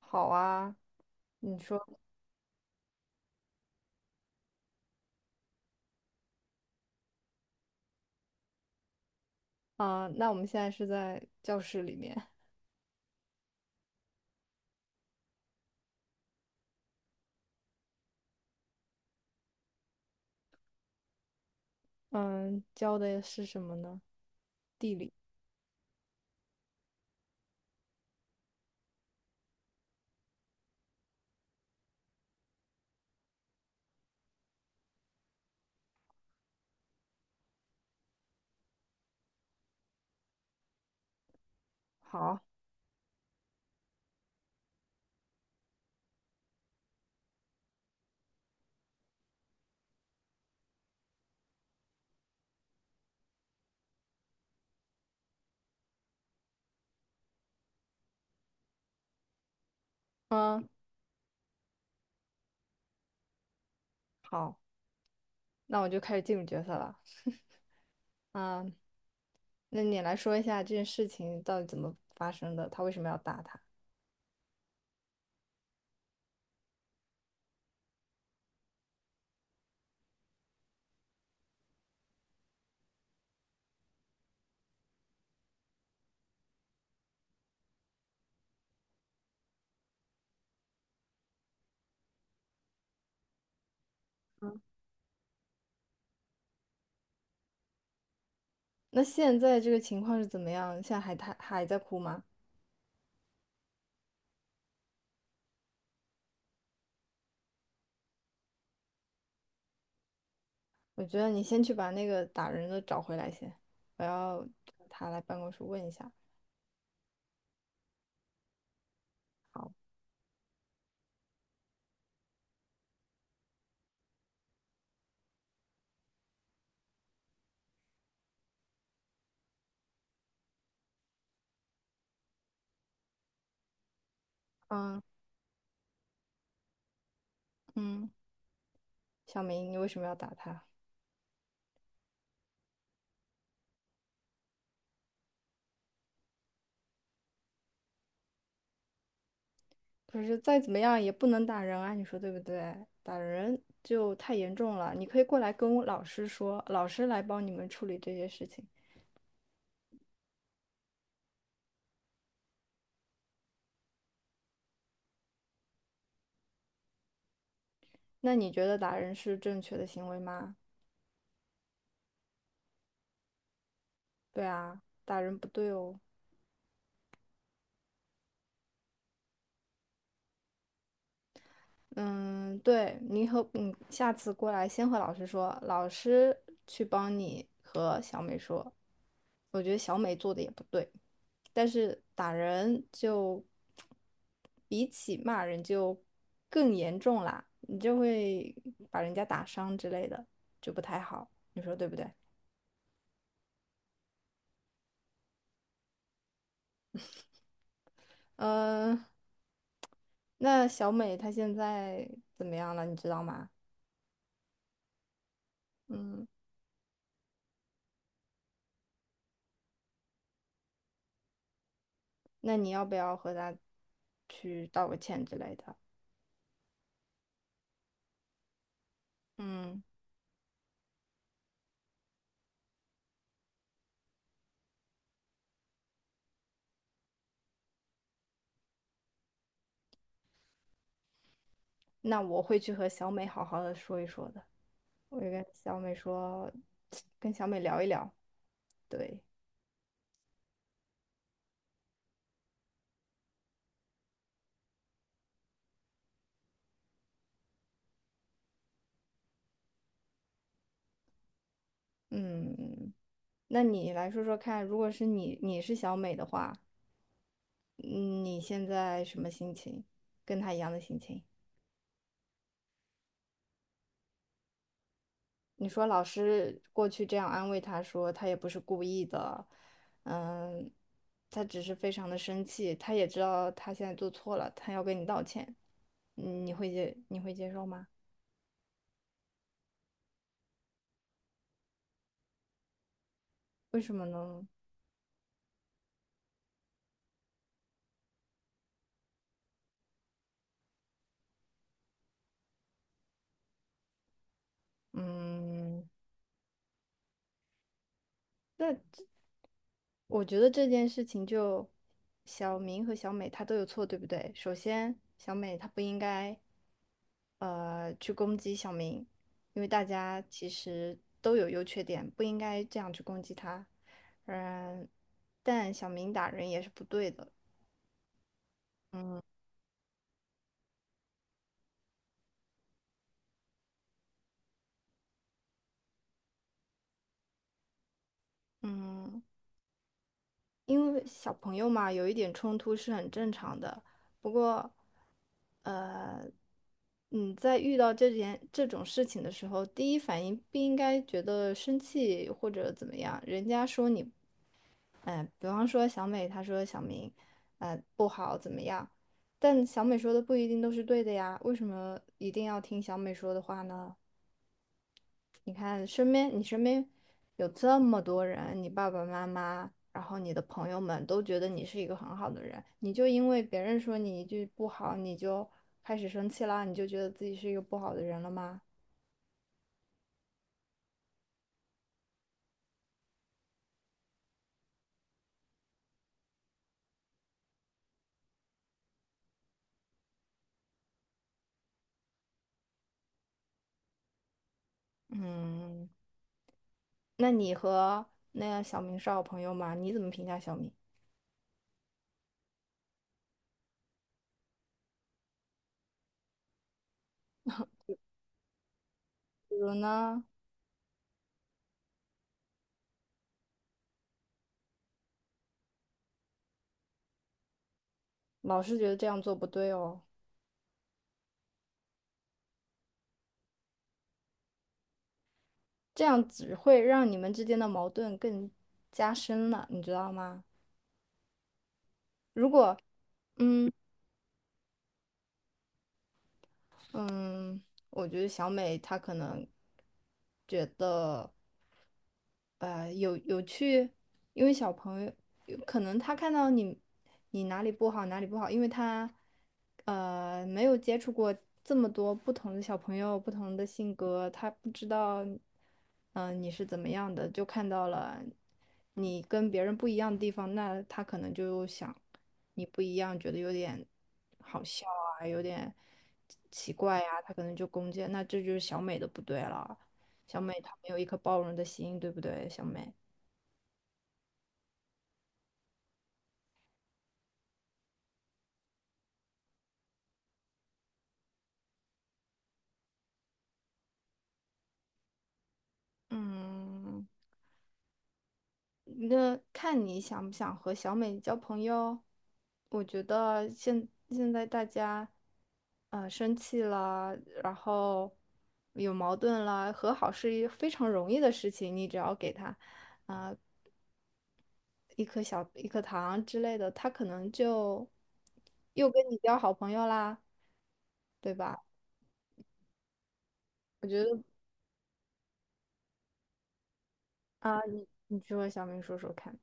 好啊，你说啊，那我们现在是在教室里面，嗯，教的是什么呢？地理。好，嗯，好，那我就开始进入角色了。嗯，那你来说一下这件事情到底怎么发生的？他为什么要打他？那现在这个情况是怎么样？现在还他还在哭吗？我觉得你先去把那个打人的找回来先，我要他来办公室问一下。嗯嗯，小明，你为什么要打他？可是再怎么样也不能打人啊，你说对不对？打人就太严重了。你可以过来跟我老师说，老师来帮你们处理这些事情。那你觉得打人是正确的行为吗？对啊，打人不对哦。嗯，对，你和嗯，下次过来先和老师说，老师去帮你和小美说。我觉得小美做的也不对，但是打人就比起骂人就更严重啦，你就会把人家打伤之类的，就不太好，你说对不对？嗯、那小美她现在怎么样了，你知道吗？嗯，那你要不要和她去道个歉之类的？嗯，那我会去和小美好好的说一说的。我会跟小美说，跟小美聊一聊。对，嗯，那你来说说看，如果是你，你是小美的话，嗯你现在什么心情？跟她一样的心情？你说老师过去这样安慰她说，她也不是故意的，嗯，她只是非常的生气，她也知道她现在做错了，她要跟你道歉。嗯，你会接，你会接受吗？为什么呢？嗯，那我觉得这件事情就小明和小美他都有错，对不对？首先，小美她不应该去攻击小明，因为大家其实都有优缺点，不应该这样去攻击他。嗯，但小明打人也是不对的。嗯，因为小朋友嘛，有一点冲突是很正常的。不过，呃，你在遇到这种事情的时候，第一反应不应该觉得生气或者怎么样。人家说你，嗯、比方说小美，她说小明，不好怎么样，但小美说的不一定都是对的呀。为什么一定要听小美说的话呢？你看身边，你身边有这么多人，你爸爸妈妈，然后你的朋友们都觉得你是一个很好的人，你就因为别人说你一句不好，你就开始生气啦，你就觉得自己是一个不好的人了吗？嗯，那你和那个小明是好朋友吗？你怎么评价小明？比如呢，老师觉得这样做不对哦，这样只会让你们之间的矛盾更加深了，你知道吗？如果嗯。嗯，我觉得小美她可能呃，有有去，因为小朋友有可能他看到你你哪里不好哪里不好，因为他没有接触过这么多不同的小朋友，不同的性格，他不知道嗯、你是怎么样的，就看到了你跟别人不一样的地方，那他可能就想你不一样，觉得有点好笑啊，有点奇怪呀、他可能就攻击，那这就是小美的不对了。小美她没有一颗包容的心，对不对，小美？嗯，那看你想不想和小美交朋友。我觉得现在大家，生气了，然后有矛盾了，和好是一非常容易的事情。你只要给他，啊、一颗小一颗糖之类的，他可能就又跟你交好朋友啦，对吧？我觉得啊、你你去和小美说说看。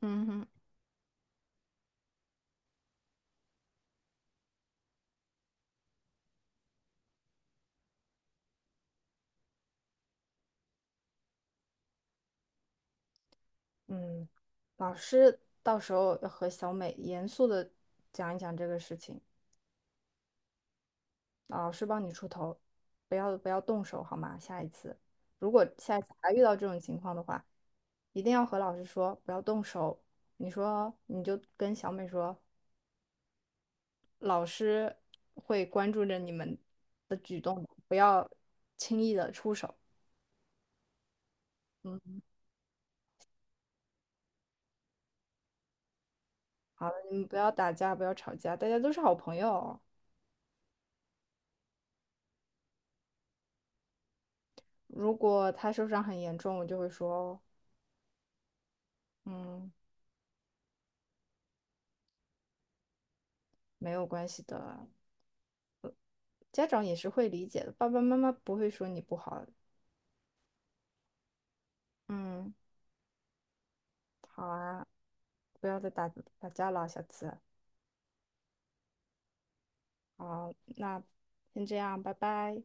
嗯哼。嗯，老师到时候要和小美严肃的讲一讲这个事情，老师帮你出头，不要不要动手好吗？下一次，如果下一次还遇到这种情况的话，一定要和老师说不要动手。你说你就跟小美说，老师会关注着你们的举动的不要轻易的出手。嗯，好了，你们不要打架，不要吵架，大家都是好朋友哦。如果他受伤很严重，我就会说，嗯。没有关系的啊，家长也是会理解的，爸爸妈妈不会说你不好。嗯，好啊，不要再打打架了，下次。好，那先这样，拜拜。